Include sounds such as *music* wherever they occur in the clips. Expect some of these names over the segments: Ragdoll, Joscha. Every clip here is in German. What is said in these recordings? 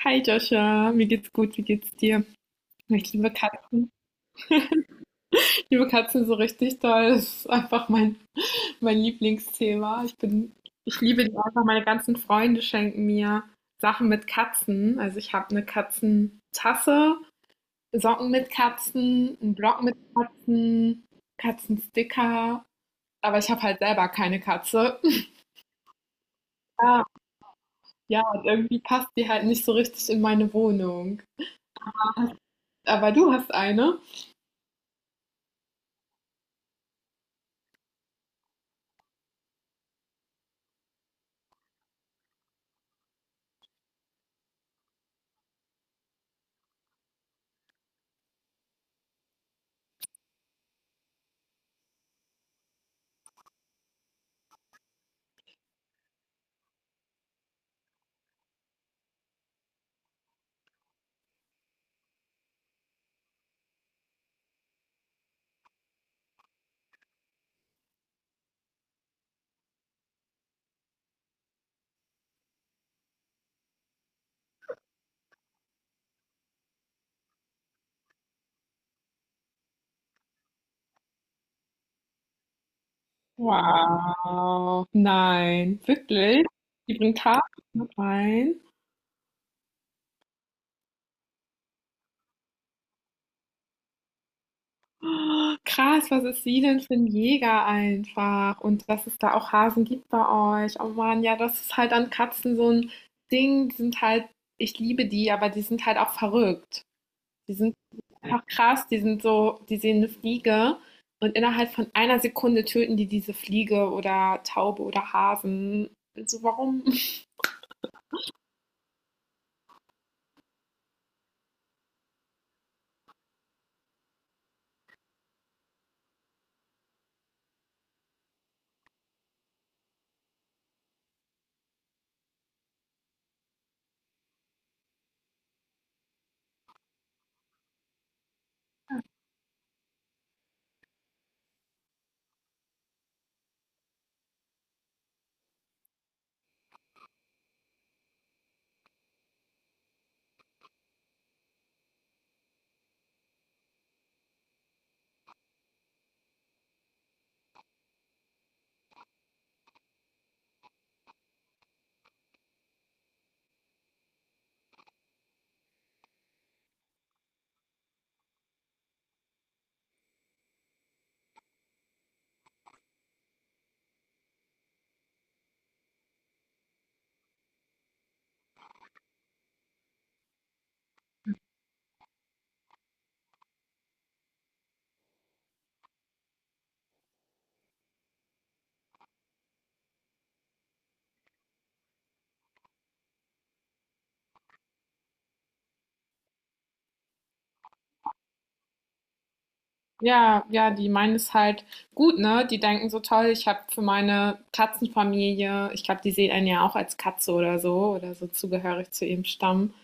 Hi Joscha, mir geht's gut, wie geht's dir? Ich liebe Katzen. Ich liebe Katzen so richtig doll. Das ist einfach mein Lieblingsthema. Ich liebe die einfach. Meine ganzen Freunde schenken mir Sachen mit Katzen. Also ich habe eine Katzentasse, Socken mit Katzen, einen Block mit Katzen, Katzensticker. Aber ich habe halt selber keine Katze. *laughs* Ja, ja, und irgendwie passt die halt nicht so richtig in meine Wohnung. Aber du hast eine? Wow. Nein, wirklich? Die bringt Hasen mit rein? Oh, krass, was ist sie denn für ein Jäger einfach und dass es da auch Hasen gibt bei euch. Oh Mann, ja, das ist halt an Katzen so ein Ding. Die sind halt ich liebe die, aber die sind halt auch verrückt. Die sind einfach krass, die sind so die sehen eine Fliege und innerhalb von einer Sekunde töten die diese Fliege oder Taube oder Hasen. Also, warum? Ja, ja, die meinen es halt gut, ne? Die denken so toll, ich habe für meine Katzenfamilie, ich glaube, die sehen einen ja auch als Katze oder so zugehörig zu ihrem Stamm,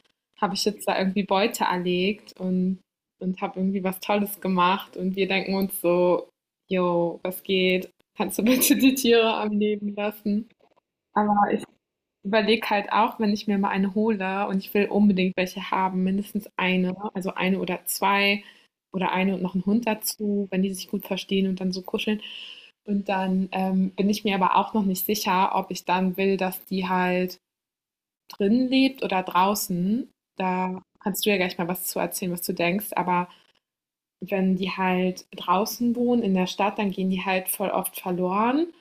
habe ich jetzt da irgendwie Beute erlegt und habe irgendwie was Tolles gemacht. Und wir denken uns so, jo, was geht? Kannst du bitte die Tiere am Leben lassen? Aber ich überlege halt auch, wenn ich mir mal eine hole und ich will unbedingt welche haben, mindestens eine, also eine oder zwei oder eine und noch einen Hund dazu, wenn die sich gut verstehen und dann so kuscheln. Und dann bin ich mir aber auch noch nicht sicher, ob ich dann will, dass die halt drin lebt oder draußen. Da kannst du ja gleich mal was zu erzählen, was du denkst. Aber wenn die halt draußen wohnen in der Stadt, dann gehen die halt voll oft verloren.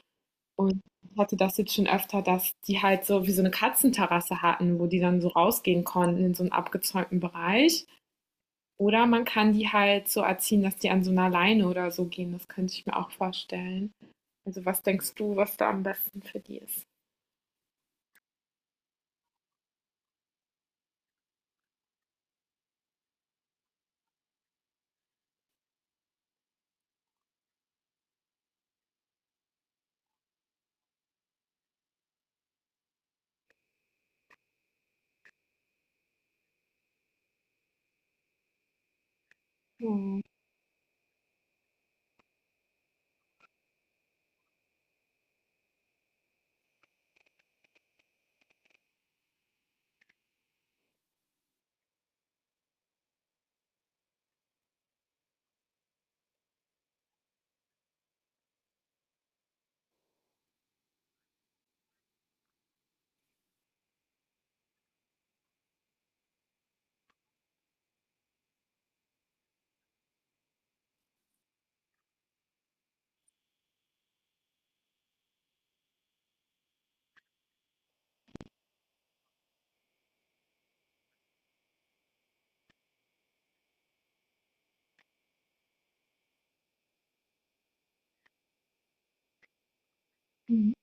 Und ich hatte das jetzt schon öfter, dass die halt so wie so eine Katzenterrasse hatten, wo die dann so rausgehen konnten in so einen abgezäunten Bereich. Oder man kann die halt so erziehen, dass die an so 'ner Leine oder so gehen. Das könnte ich mir auch vorstellen. Also, was denkst du, was da am besten für die ist? Mhm. Mhm.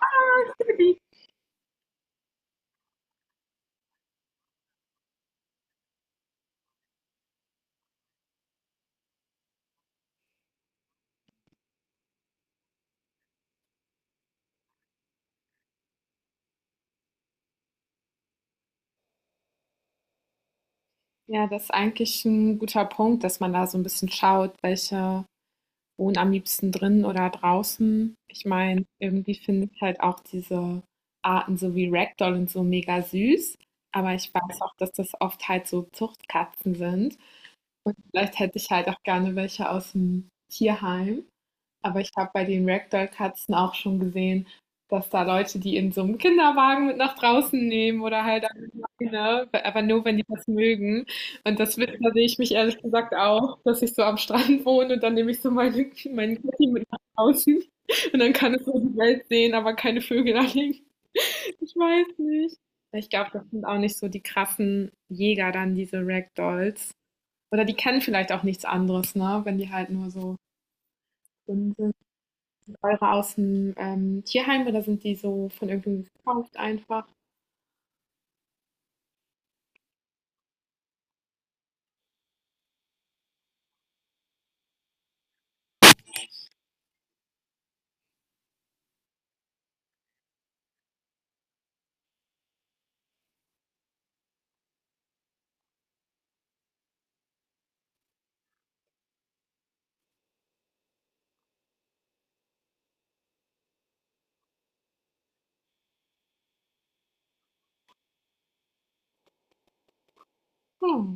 Ah, ich liebe die. Ja, das ist eigentlich ein guter Punkt, dass man da so ein bisschen schaut, welche wohne am liebsten drin oder draußen. Ich meine, irgendwie finde ich halt auch diese Arten so wie Ragdoll und so mega süß. Aber ich weiß auch, dass das oft halt so Zuchtkatzen sind. Vielleicht hätte ich halt auch gerne welche aus dem Tierheim. Aber ich habe bei den Ragdoll-Katzen auch schon gesehen, dass da Leute die in so einem Kinderwagen mit nach draußen nehmen oder halt an die Leine, aber nur, wenn die das mögen. Und das wird da sehe ich mich ehrlich gesagt auch, dass ich so am Strand wohne und dann nehme ich so meinen Kitty mit nach draußen *laughs* und dann kann es so die Welt sehen, aber keine Vögel anhängen. Ich weiß nicht. Ich glaube, das sind auch nicht so die krassen Jäger dann, diese Ragdolls. Oder die kennen vielleicht auch nichts anderes, ne, wenn die halt nur so dünn sind. Eure aus dem Tierheim oder sind die so von irgendwem gekauft einfach? Hm.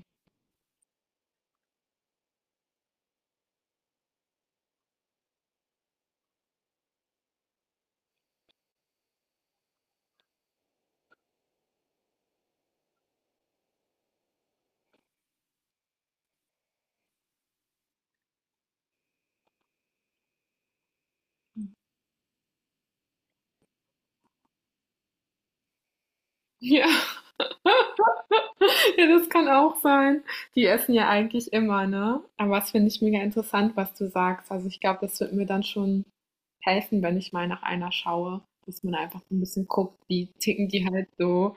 Ja, *laughs* ja, das kann auch sein. Die essen ja eigentlich immer, ne? Aber das finde ich mega interessant, was du sagst. Also ich glaube, das wird mir dann schon helfen, wenn ich mal nach einer schaue, dass man einfach so ein bisschen guckt, wie ticken die halt so.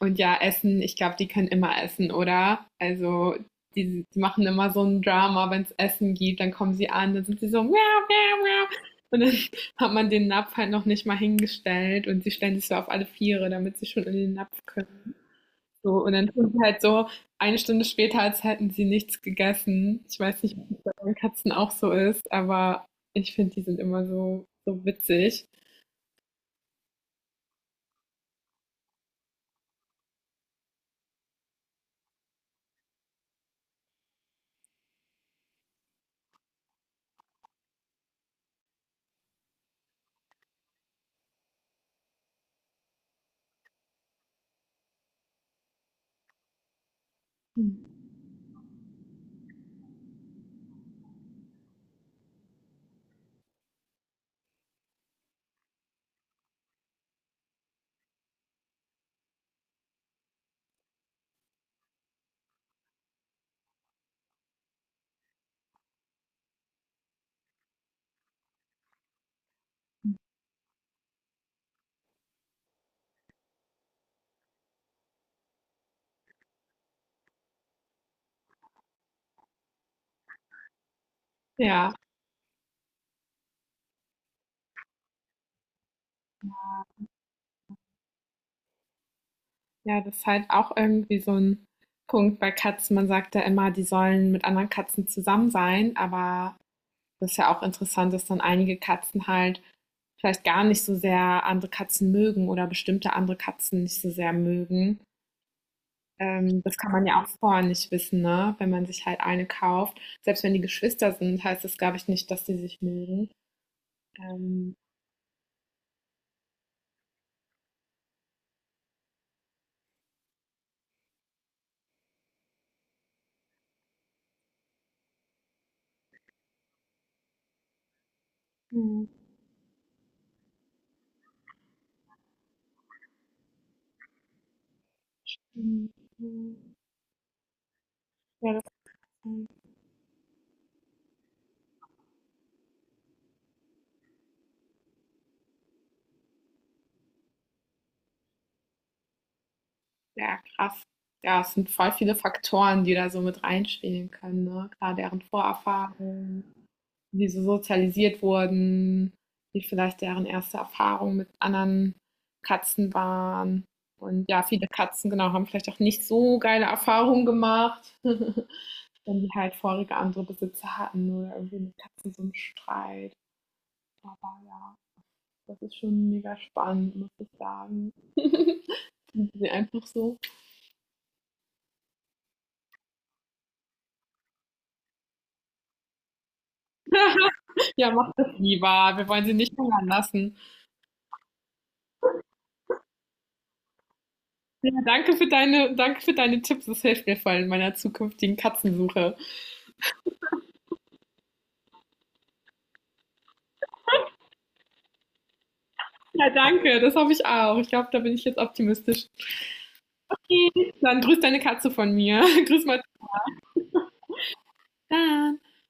Und ja, Essen, ich glaube, die können immer essen, oder? Also die machen immer so ein Drama, wenn es Essen gibt, dann kommen sie an, dann sind sie so, miau, miau, miau. Und dann *laughs* hat man den Napf halt noch nicht mal hingestellt und sie stellen sich so auf alle Viere, damit sie schon in den Napf können. So, und dann tun sie halt so eine Stunde später, als hätten sie nichts gegessen. Ich weiß nicht, ob das bei den Katzen auch so ist, aber ich finde, die sind immer so, so witzig. Ja, ja, das ist halt auch irgendwie so ein Punkt bei Katzen. Man sagt ja immer, die sollen mit anderen Katzen zusammen sein, aber das ist ja auch interessant, dass dann einige Katzen halt vielleicht gar nicht so sehr andere Katzen mögen oder bestimmte andere Katzen nicht so sehr mögen. Das kann man ja auch vorher nicht wissen, ne, wenn man sich halt eine kauft. Selbst wenn die Geschwister sind, heißt das, glaube ich, nicht, dass die sich mögen. Ähm, mhm, mhm, mhm. Ja, das Ja, krass. Ja, es sind voll viele Faktoren, die da so mit reinspielen können, ne? Klar, deren Vorerfahrungen, wie sie sozialisiert wurden, wie vielleicht deren erste Erfahrung mit anderen Katzen waren. Und ja, viele Katzen, genau, haben vielleicht auch nicht so geile Erfahrungen gemacht, *laughs* wenn die halt vorige andere Besitzer hatten oder irgendwie mit Katzen so einen Streit. Aber ja, das ist schon mega spannend, muss ich sagen. *laughs* Sind sie einfach so. *laughs* Ja, mach das lieber. Wir wollen sie nicht hungern lassen. Ja, danke für deine Tipps. Das hilft mir voll in meiner zukünftigen Katzensuche. Ja, danke. Das hoffe ich auch. Ich glaube, da bin ich jetzt optimistisch. Okay, dann grüß deine Katze von mir. *laughs* Grüß mal. Dann.